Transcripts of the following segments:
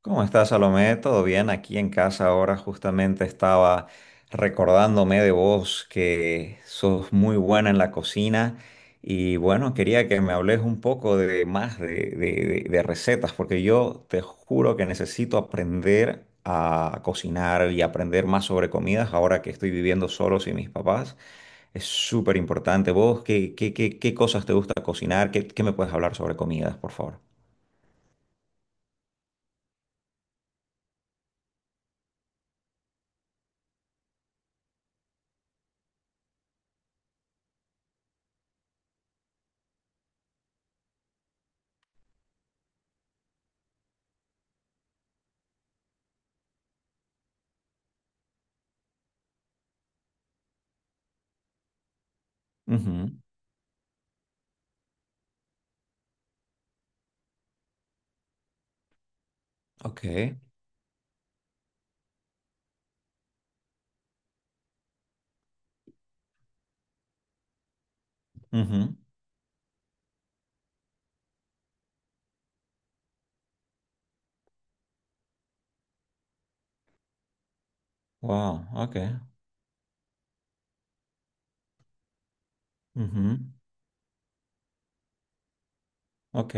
¿Cómo estás, Salomé? ¿Todo bien? Aquí en casa ahora justamente estaba recordándome de vos que sos muy buena en la cocina y bueno, quería que me hables un poco de más de, de recetas porque yo te juro que necesito aprender a cocinar y aprender más sobre comidas ahora que estoy viviendo solo sin mis papás. Es súper importante. ¿Vos qué cosas te gusta cocinar? ¿Qué me puedes hablar sobre comidas, por favor? Ujú. Ok. Ujú. Wow, okay. Ujú. Ok.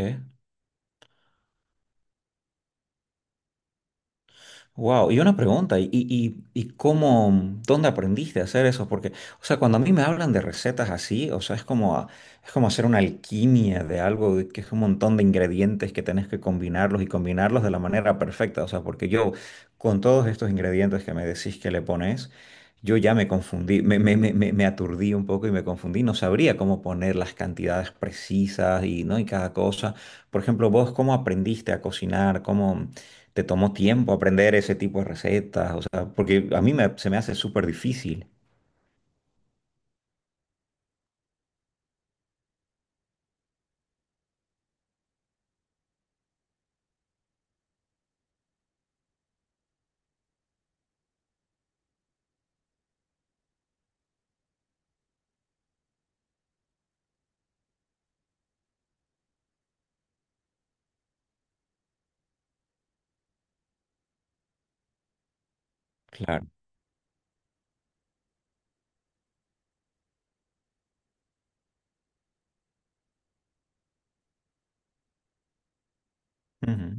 Wow, y una pregunta, ¿y cómo, ¿dónde aprendiste a hacer eso? Porque, o sea, cuando a mí me hablan de recetas así, o sea, es como, es como hacer una alquimia de algo de que es un montón de ingredientes que tenés que combinarlos y combinarlos de la manera perfecta. O sea, porque yo, con todos estos ingredientes que me decís que le pones, yo ya me confundí, me aturdí un poco y me confundí, no sabría cómo poner las cantidades precisas y, ¿no?, y cada cosa. Por ejemplo, vos, ¿cómo aprendiste a cocinar? ¿Cómo te tomó tiempo aprender ese tipo de recetas? O sea, porque a mí se me hace súper difícil. Claro. Ujú.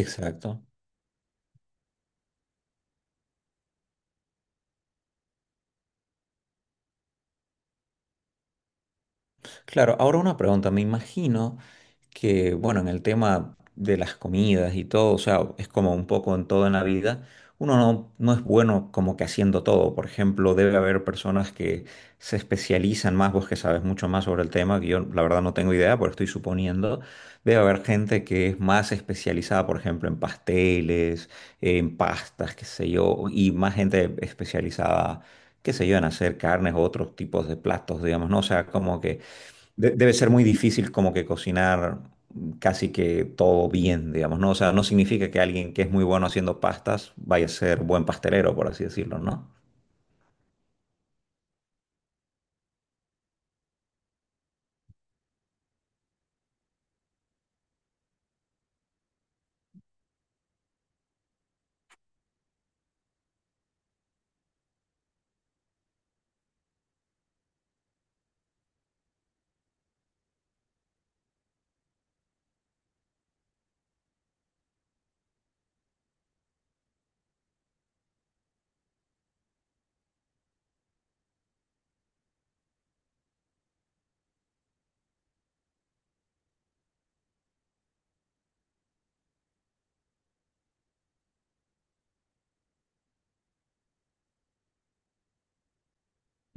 Exacto. Claro, ahora una pregunta, me imagino que, bueno, en el tema de las comidas y todo, o sea, es como un poco en todo en la vida, uno no, no es bueno como que haciendo todo. Por ejemplo, debe haber personas que se especializan más, vos que sabes mucho más sobre el tema, que yo la verdad no tengo idea, pero estoy suponiendo, debe haber gente que es más especializada, por ejemplo, en pasteles, en pastas, qué sé yo, y más gente especializada, qué sé yo, en hacer carnes o otros tipos de platos, digamos, ¿no? O sea, como que debe ser muy difícil como que cocinar casi que todo bien, digamos, ¿no? O sea, no significa que alguien que es muy bueno haciendo pastas vaya a ser buen pastelero, por así decirlo, ¿no?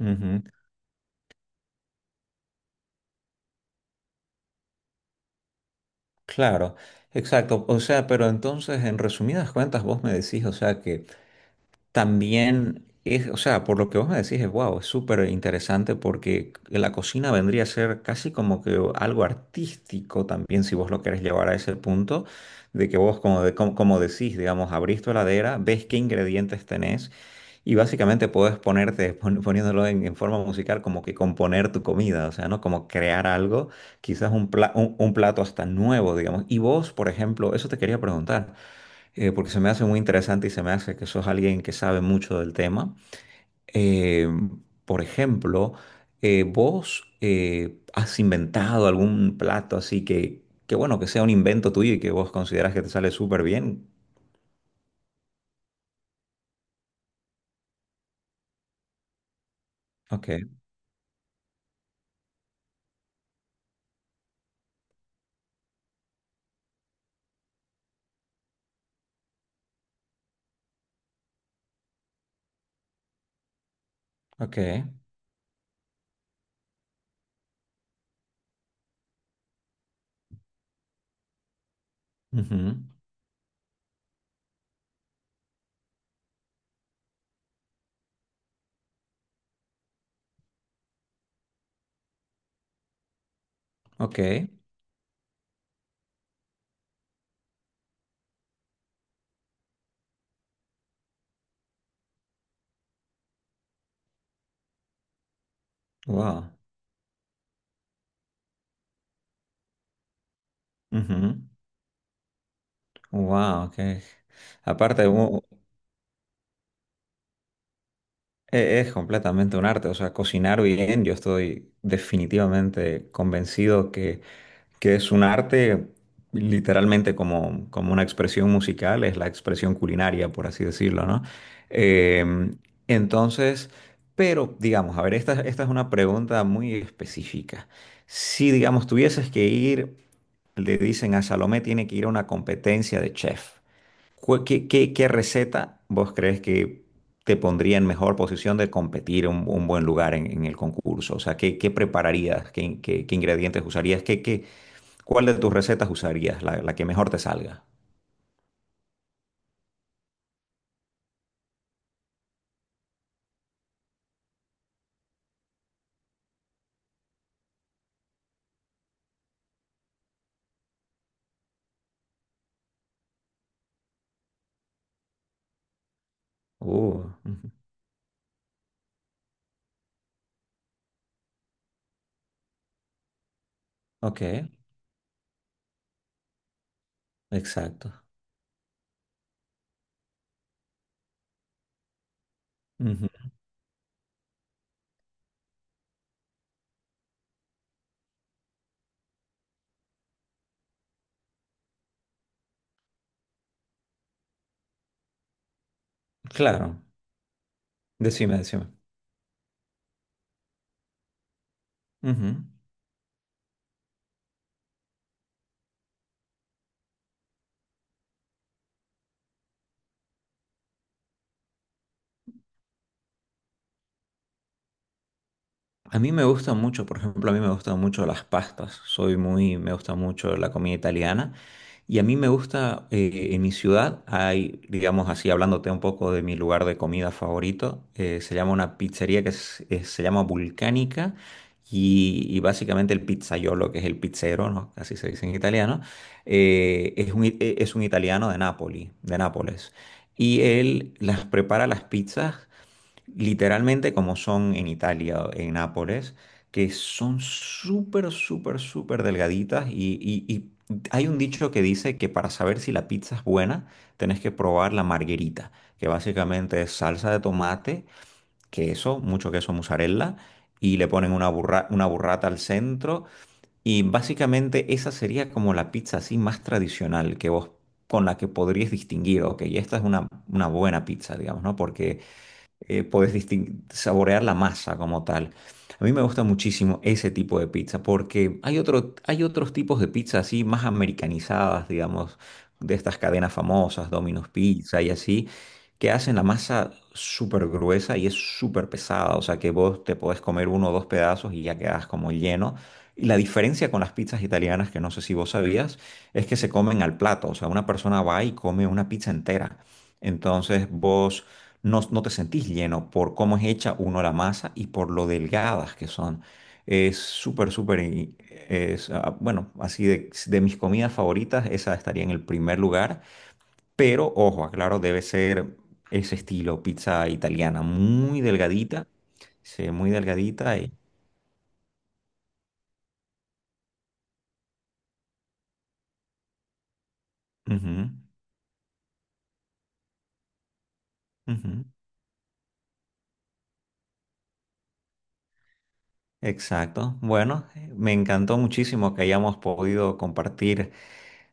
Ujú. Claro, exacto. O sea, pero entonces, en resumidas cuentas, vos me decís, o sea, que también es, o sea, por lo que vos me decís, es wow, es súper interesante porque la cocina vendría a ser casi como que algo artístico también, si vos lo querés llevar a ese punto, de que vos, como, como, como decís, digamos, abrís tu heladera, ves qué ingredientes tenés y básicamente podés ponerte, poniéndolo en forma musical, como que componer tu comida, o sea, ¿no? Como crear algo, quizás un, un plato hasta nuevo, digamos. Y vos, por ejemplo, eso te quería preguntar, porque se me hace muy interesante y se me hace que sos alguien que sabe mucho del tema. Eh, por ejemplo, ¿vos has inventado algún plato así que, bueno, que sea un invento tuyo y que vos consideras que te sale súper bien? Ok. Ok. Ujú. Ok. Wow. Ujú. Wow, ok. Aparte, es completamente un arte, o sea, cocinar bien, yo estoy definitivamente convencido que es un arte, literalmente como, como una expresión musical, es la expresión culinaria, por así decirlo, ¿no? Eh, entonces, pero digamos, a ver, esta es una pregunta muy específica. Si, digamos, tuvieses que ir, le dicen a Salomé, tiene que ir a una competencia de chef. ¿Qué, qué receta vos crees que te pondría en mejor posición de competir un buen lugar en el concurso? O sea, ¿qué, qué prepararías? ¿Qué, qué, qué ingredientes usarías? ¿Qué, qué, cuál de tus recetas usarías? La que mejor te salga. Ujú. Ok, exacto. Ujú. Claro, decime, decime. Ujú. A mí me gusta mucho, por ejemplo, a mí me gustan mucho las pastas. Soy muy, me gusta mucho la comida italiana. Y a mí me gusta, en mi ciudad hay, digamos así, hablándote un poco de mi lugar de comida favorito, se llama una pizzería que se llama Vulcánica y básicamente el pizzaiolo, que es el pizzero, ¿no? Así se dice en italiano. Es un, es un italiano de Nápoli, de Nápoles. Y él las prepara las pizzas literalmente como son en Italia, en Nápoles, que son súper, súper, súper delgaditas y hay un dicho que dice que para saber si la pizza es buena, tenés que probar la margherita, que básicamente es salsa de tomate, queso, mucho queso mozzarella, y le ponen una una burrata al centro. Y básicamente esa sería como la pizza así más tradicional que vos, con la que podrías distinguir, ok, esta es una buena pizza, digamos, ¿no? Porque puedes saborear la masa como tal. A mí me gusta muchísimo ese tipo de pizza porque hay otro, hay otros tipos de pizza así más americanizadas, digamos, de estas cadenas famosas, Domino's Pizza y así, que hacen la masa súper gruesa y es súper pesada, o sea que vos te podés comer uno o dos pedazos y ya quedás como lleno. Y la diferencia con las pizzas italianas, que no sé si vos sabías, es que se comen al plato, o sea, una persona va y come una pizza entera. Entonces vos no, no te sentís lleno por cómo es hecha uno la masa y por lo delgadas que son. Es súper, súper, es, ah, bueno, así de mis comidas favoritas, esa estaría en el primer lugar, pero ojo, aclaro, debe ser ese estilo, pizza italiana, muy delgadita, sí, muy delgadita y... Ujú. Ujú. Exacto. Bueno, me encantó muchísimo que hayamos podido compartir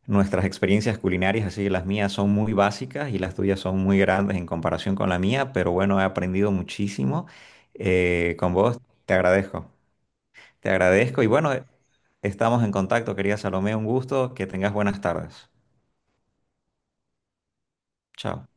nuestras experiencias culinarias, así las mías son muy básicas y las tuyas son muy grandes en comparación con la mía, pero bueno, he aprendido muchísimo, con vos. Te agradezco. Te agradezco y bueno, estamos en contacto, querida Salomé, un gusto, que tengas buenas tardes. Chao.